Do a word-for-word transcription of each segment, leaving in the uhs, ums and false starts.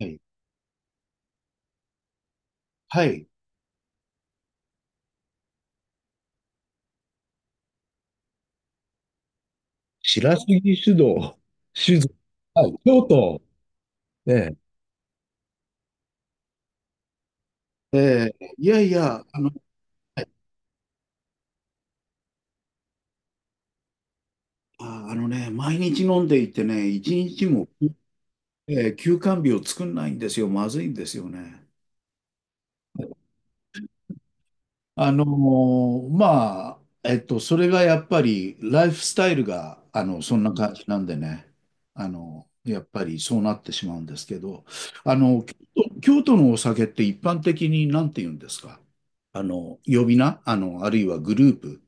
はい。はい。白杉を、酒造、はい、京都、ねえ、えーいやいや、あの、はい。あ、あのね、毎日飲んでいてね、いちにちも、えー休肝日を作んないんですよ。まずいんですよね。あのーまあ、えっと、それがやっぱり、ライフスタイルが、あの、そんな感じなんでね、あの、やっぱりそうなってしまうんですけど、あの、京都、京都のお酒って一般的に何て言うんですか？あの、呼び名あの、あるいはグループ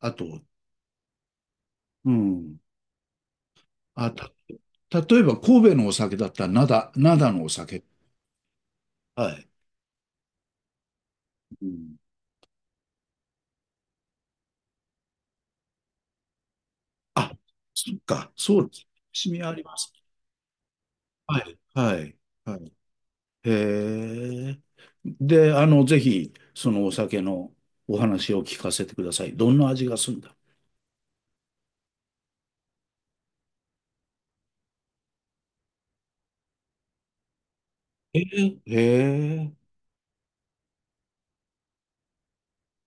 あと、うん。あ、た、例えば神戸のお酒だったら、灘、灘のお酒。はい。うん。あ、そっか、そうです。趣味あります。はい、はい、はい。へえ。で、あの、ぜひ、そのお酒のお話を聞かせてください。どんな味がするんだ？えー、へえ。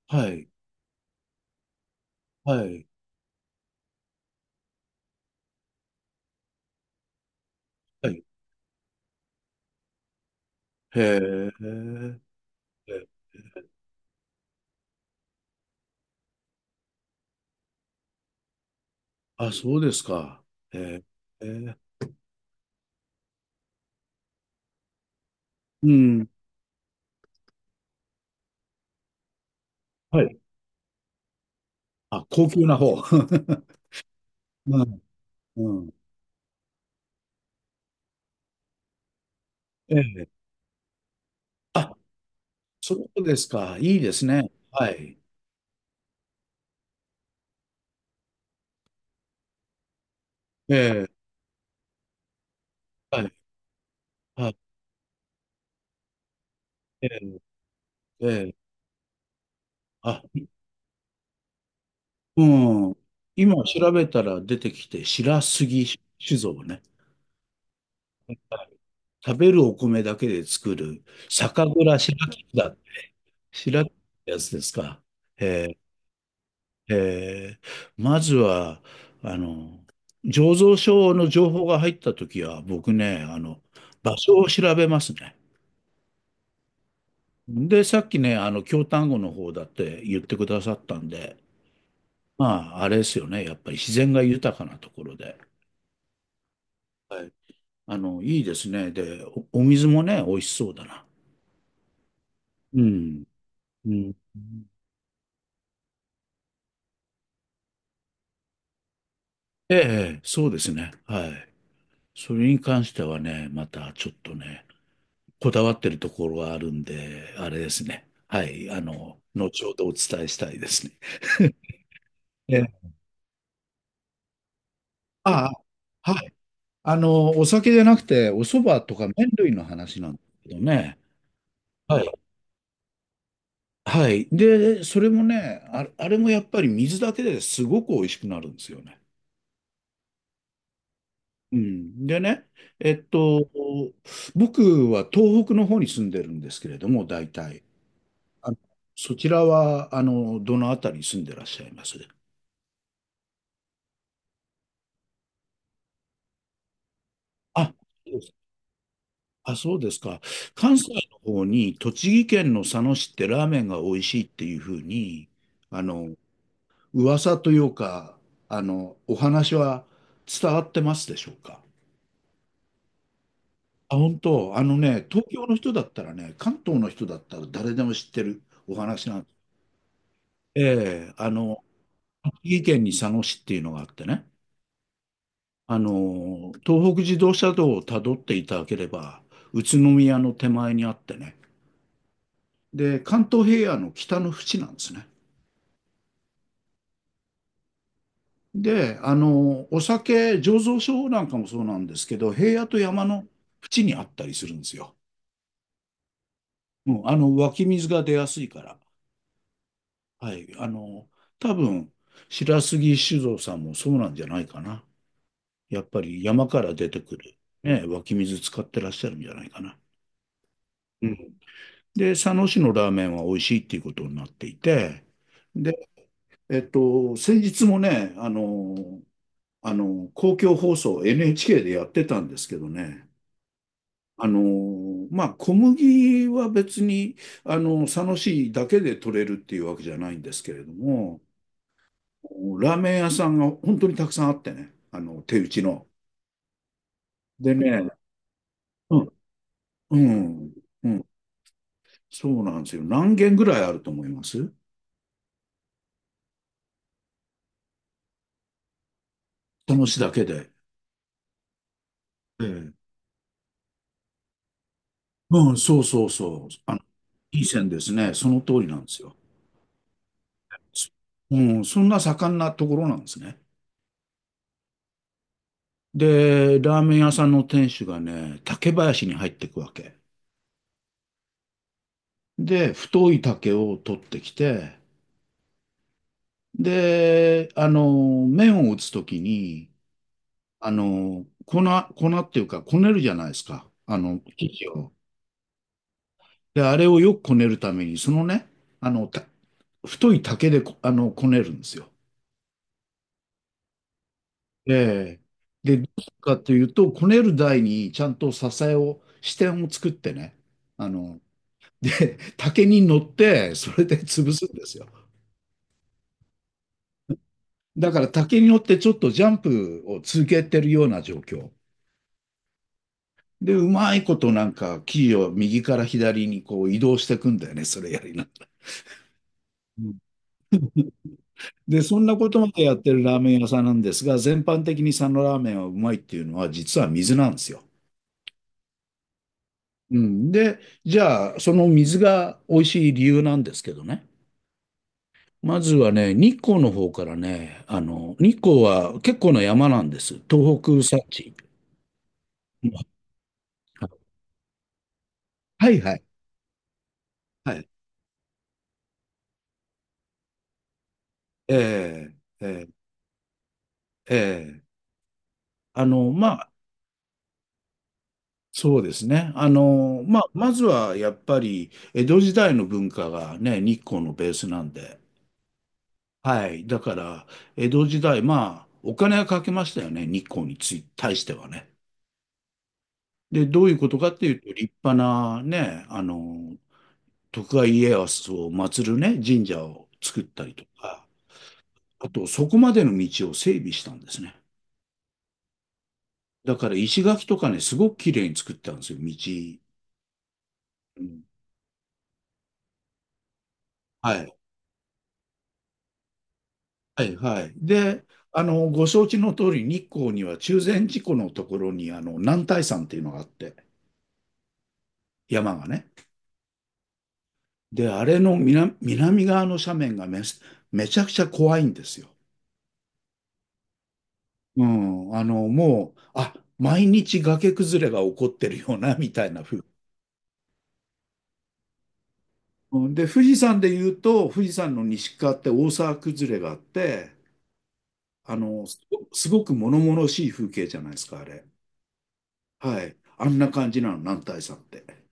はい、はい、はい。へえ。え、あ、そうですか。へえ。へえ。うん。はい。あ、高級な方。うん、うん。ええ。あ、そうですか。いいですね。はい。ええ。はい。はい。ええ。ええ。あ、うん。今調べたら出てきて、白杉酒造ね。食べるお米だけで作る酒蔵白木だ。白木ってやつですか？えーえーまずは、あの、醸造所の情報が入ったときは、僕ね、あの、場所を調べますね。で、さっきね、あの、京丹後の方だって言ってくださったんで、まあ、あれですよね。やっぱり自然が豊かなところで。はい。あの、いいですね。で、お、お水もね、美味しそうだな。うん。うん。ええ、そうですね。はい。それに関してはね、またちょっとね、こだわってるところがあるんで、あれですね。はい。あの、後ほどお伝えしたいですね。ええ、ああ、はい。あの、お酒じゃなくて、お蕎麦とか麺類の話なんですけどね。はい。はい。で、それもね、ああれもやっぱり水だけですごく美味しくなるんですよね。うん、でね、えっと、僕は東北の方に住んでるんですけれども、大体。あのそちらは、あの、どのあたりに住んでらっしゃいます？あ、そうですあ、そうですか。関西の方に、栃木県の佐野市ってラーメンが美味しいっていうふうに、あの、噂というか、あの、お話は伝わってますでしょうか？あ、本当、あのね、東京の人だったらね、関東の人だったら誰でも知ってるお話なん。ええ、あの、栃木県に佐野市っていうのがあってね、あの、東北自動車道をたどっていただければ、宇都宮の手前にあってね、で、関東平野の北の淵なんですね。で、あの、お酒醸造所なんかもそうなんですけど、平野と山の淵にあったりするんですよ。うん、あの、湧き水が出やすいから。はい、あの、多分、白杉酒造さんもそうなんじゃないかな。やっぱり山から出てくる、ね、湧き水使ってらっしゃるんじゃないかな。うん。で、佐野市のラーメンは美味しいっていうことになっていて、で、えっと、先日もね、あの、あの、公共放送 エヌエイチケー でやってたんですけどね、あの、まあ、小麦は別に、あの、佐野市だけで取れるっていうわけじゃないんですけれども、ラーメン屋さんが本当にたくさんあってね、あの、手打ちの。でね、うん、うん、うん。そうなんですよ。何件ぐらいあると思います？その市だけで。ええ。うん、そうそうそう。あの、いい線ですね。その通りなんですよ。そうん、そんな盛んなところなんですね。で、ラーメン屋さんの店主がね、竹林に入っていくわけ。で、太い竹を取ってきて、で、あの、麺を打つときに、あの、粉、粉っていうか、こねるじゃないですか。あの、生地を。で、あれをよくこねるために、そのね、あの、た太い竹でこ、あの、こねるんですよ。ええ。で、どうするかというと、こねる台にちゃんと支えを、支点を作ってね、あの、竹に乗って、それで潰すんですよ。だから竹に乗ってちょっとジャンプを続けてるような状況。で、うまいことなんか生地を右から左にこう移動していくんだよね、それやりながら。うん。で、そんなことまでやってるラーメン屋さんなんですが、全般的に佐野ラーメンはうまいっていうのは実は水なんですよ。うん、で、じゃあ、その水が美味しい理由なんですけどね。まずはね、日光の方からね、あの、日光は結構な山なんです。東北山地。うん。はいはい。はい。えー、えー、えーあの、まあ、そうですね。あの、まあ、まずはやっぱり、江戸時代の文化がね、日光のベースなんで。はい。だから、江戸時代、まあ、お金はかけましたよね、日光につい、対してはね。で、どういうことかっていうと、立派なね、あの、徳川家康を祀るね、神社を作ったりとか、あと、そこまでの道を整備したんですね。だから、石垣とかね、すごく綺麗に作ったんですよ、道。うん、はい。はい、はい。で、あの、ご承知の通り、日光には中禅寺湖のところに、あの、男体山っていうのがあって、山がね。で、あれの南、南側の斜面がめ、めちゃくちゃ怖いんですよ。うん、あの、もう、あ、毎日崖崩れが起こってるよな、みたいな風。うん。で、富士山で言うと、富士山の西側って大沢崩れがあって、あの、すごすごく物々しい風景じゃないですか、あれ。はい。あんな感じなの、男体山って。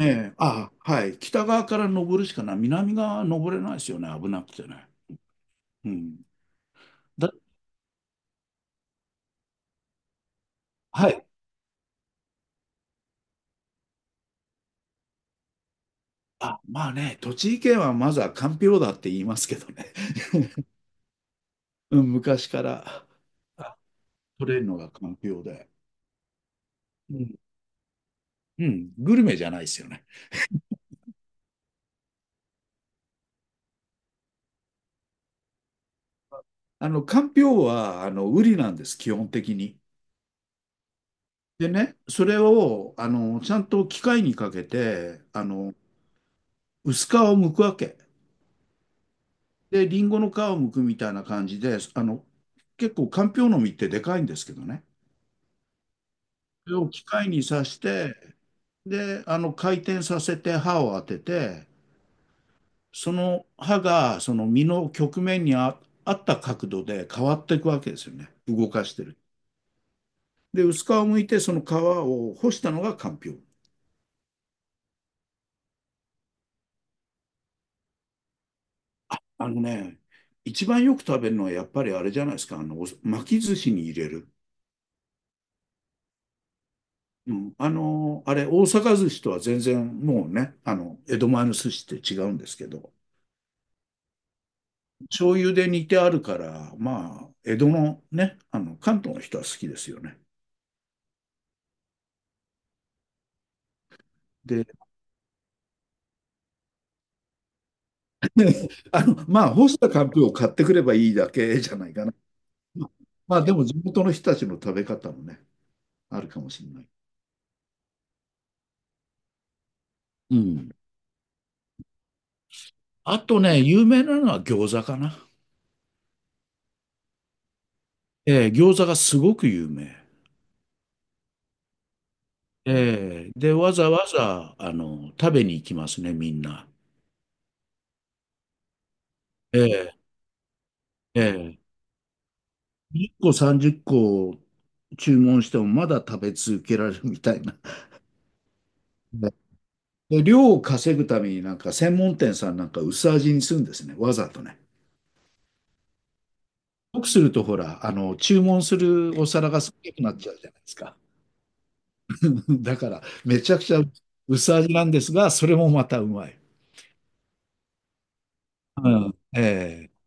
ええ、あ、はい。北側から登るしかない。南側は登れないですよね、危なくてね。うん。だ、はい。あ、まあね、栃木県はまずはかんぴょうだって言いますけどね。うん、昔から。取れるのが環境で。うん。うん、グルメじゃないですよね。あの、かんぴょうは、あの、ウリなんです、基本的に。でね、それを、あの、ちゃんと機械にかけて、あの、薄皮を剥くわけ。で、リンゴの皮を剥くみたいな感じで、あの、結構、かんぴょうの実ってでかいんですけどね。それを機械に刺して、で、あの、回転させて刃を当てて、その刃が、その実の曲面にあ、あった角度で変わっていくわけですよね。動かしてる。で、薄皮を剥いて、その皮を干したのがかんぴょう。あのね、一番よく食べるのはやっぱりあれじゃないですか、あの、お巻き寿司に入れる。うん、あの、あれ、大阪寿司とは全然もうね、あの、江戸前の寿司って違うんですけど、醤油で煮てあるから、まあ、江戸のね、あの、関東の人は好きですよね。で、あの、まあ、干したかんぴょうを買ってくればいいだけじゃないかな。まあ、でも地元の人たちの食べ方もね、あるかもしれない。うん。あとね、有名なのは餃子かな。えー餃子がすごく有名。えーで、わざわざ、あの、食べに行きますね、みんな。えーえーいっこさんじゅっこ注文してもまだ食べ続けられるみたいな。ね。で量を稼ぐためになんか専門店さんなんか薄味にするんですね、わざとね。よくするとほら、あの、注文するお皿が少なくなっちゃうじゃないですか。だから、めちゃくちゃ薄味なんですが、それもまたうまい。うん。ええ。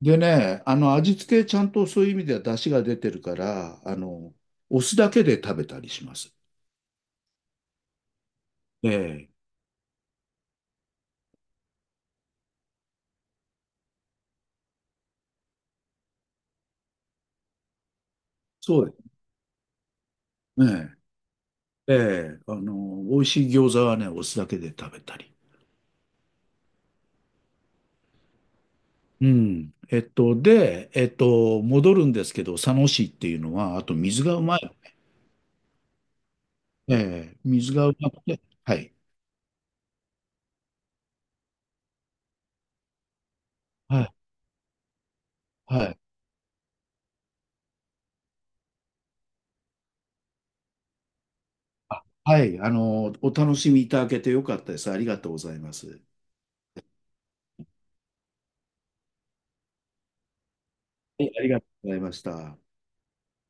でね、あの味付けちゃんとそういう意味では出汁が出てるから、あの、お酢だけで食べたりします。ええ、そうですね。ええ、あの、美味しい餃子はね、お酢だけで食べたり。うん。えっと、で、えっと、戻るんですけど、佐野市っていうのは、あと水がうまい。ええ、水がうまくて、はい。はい。はい。あ、はい。あの、お楽しみいただけてよかったです。ありがとうございます。はい。ありがとうございました。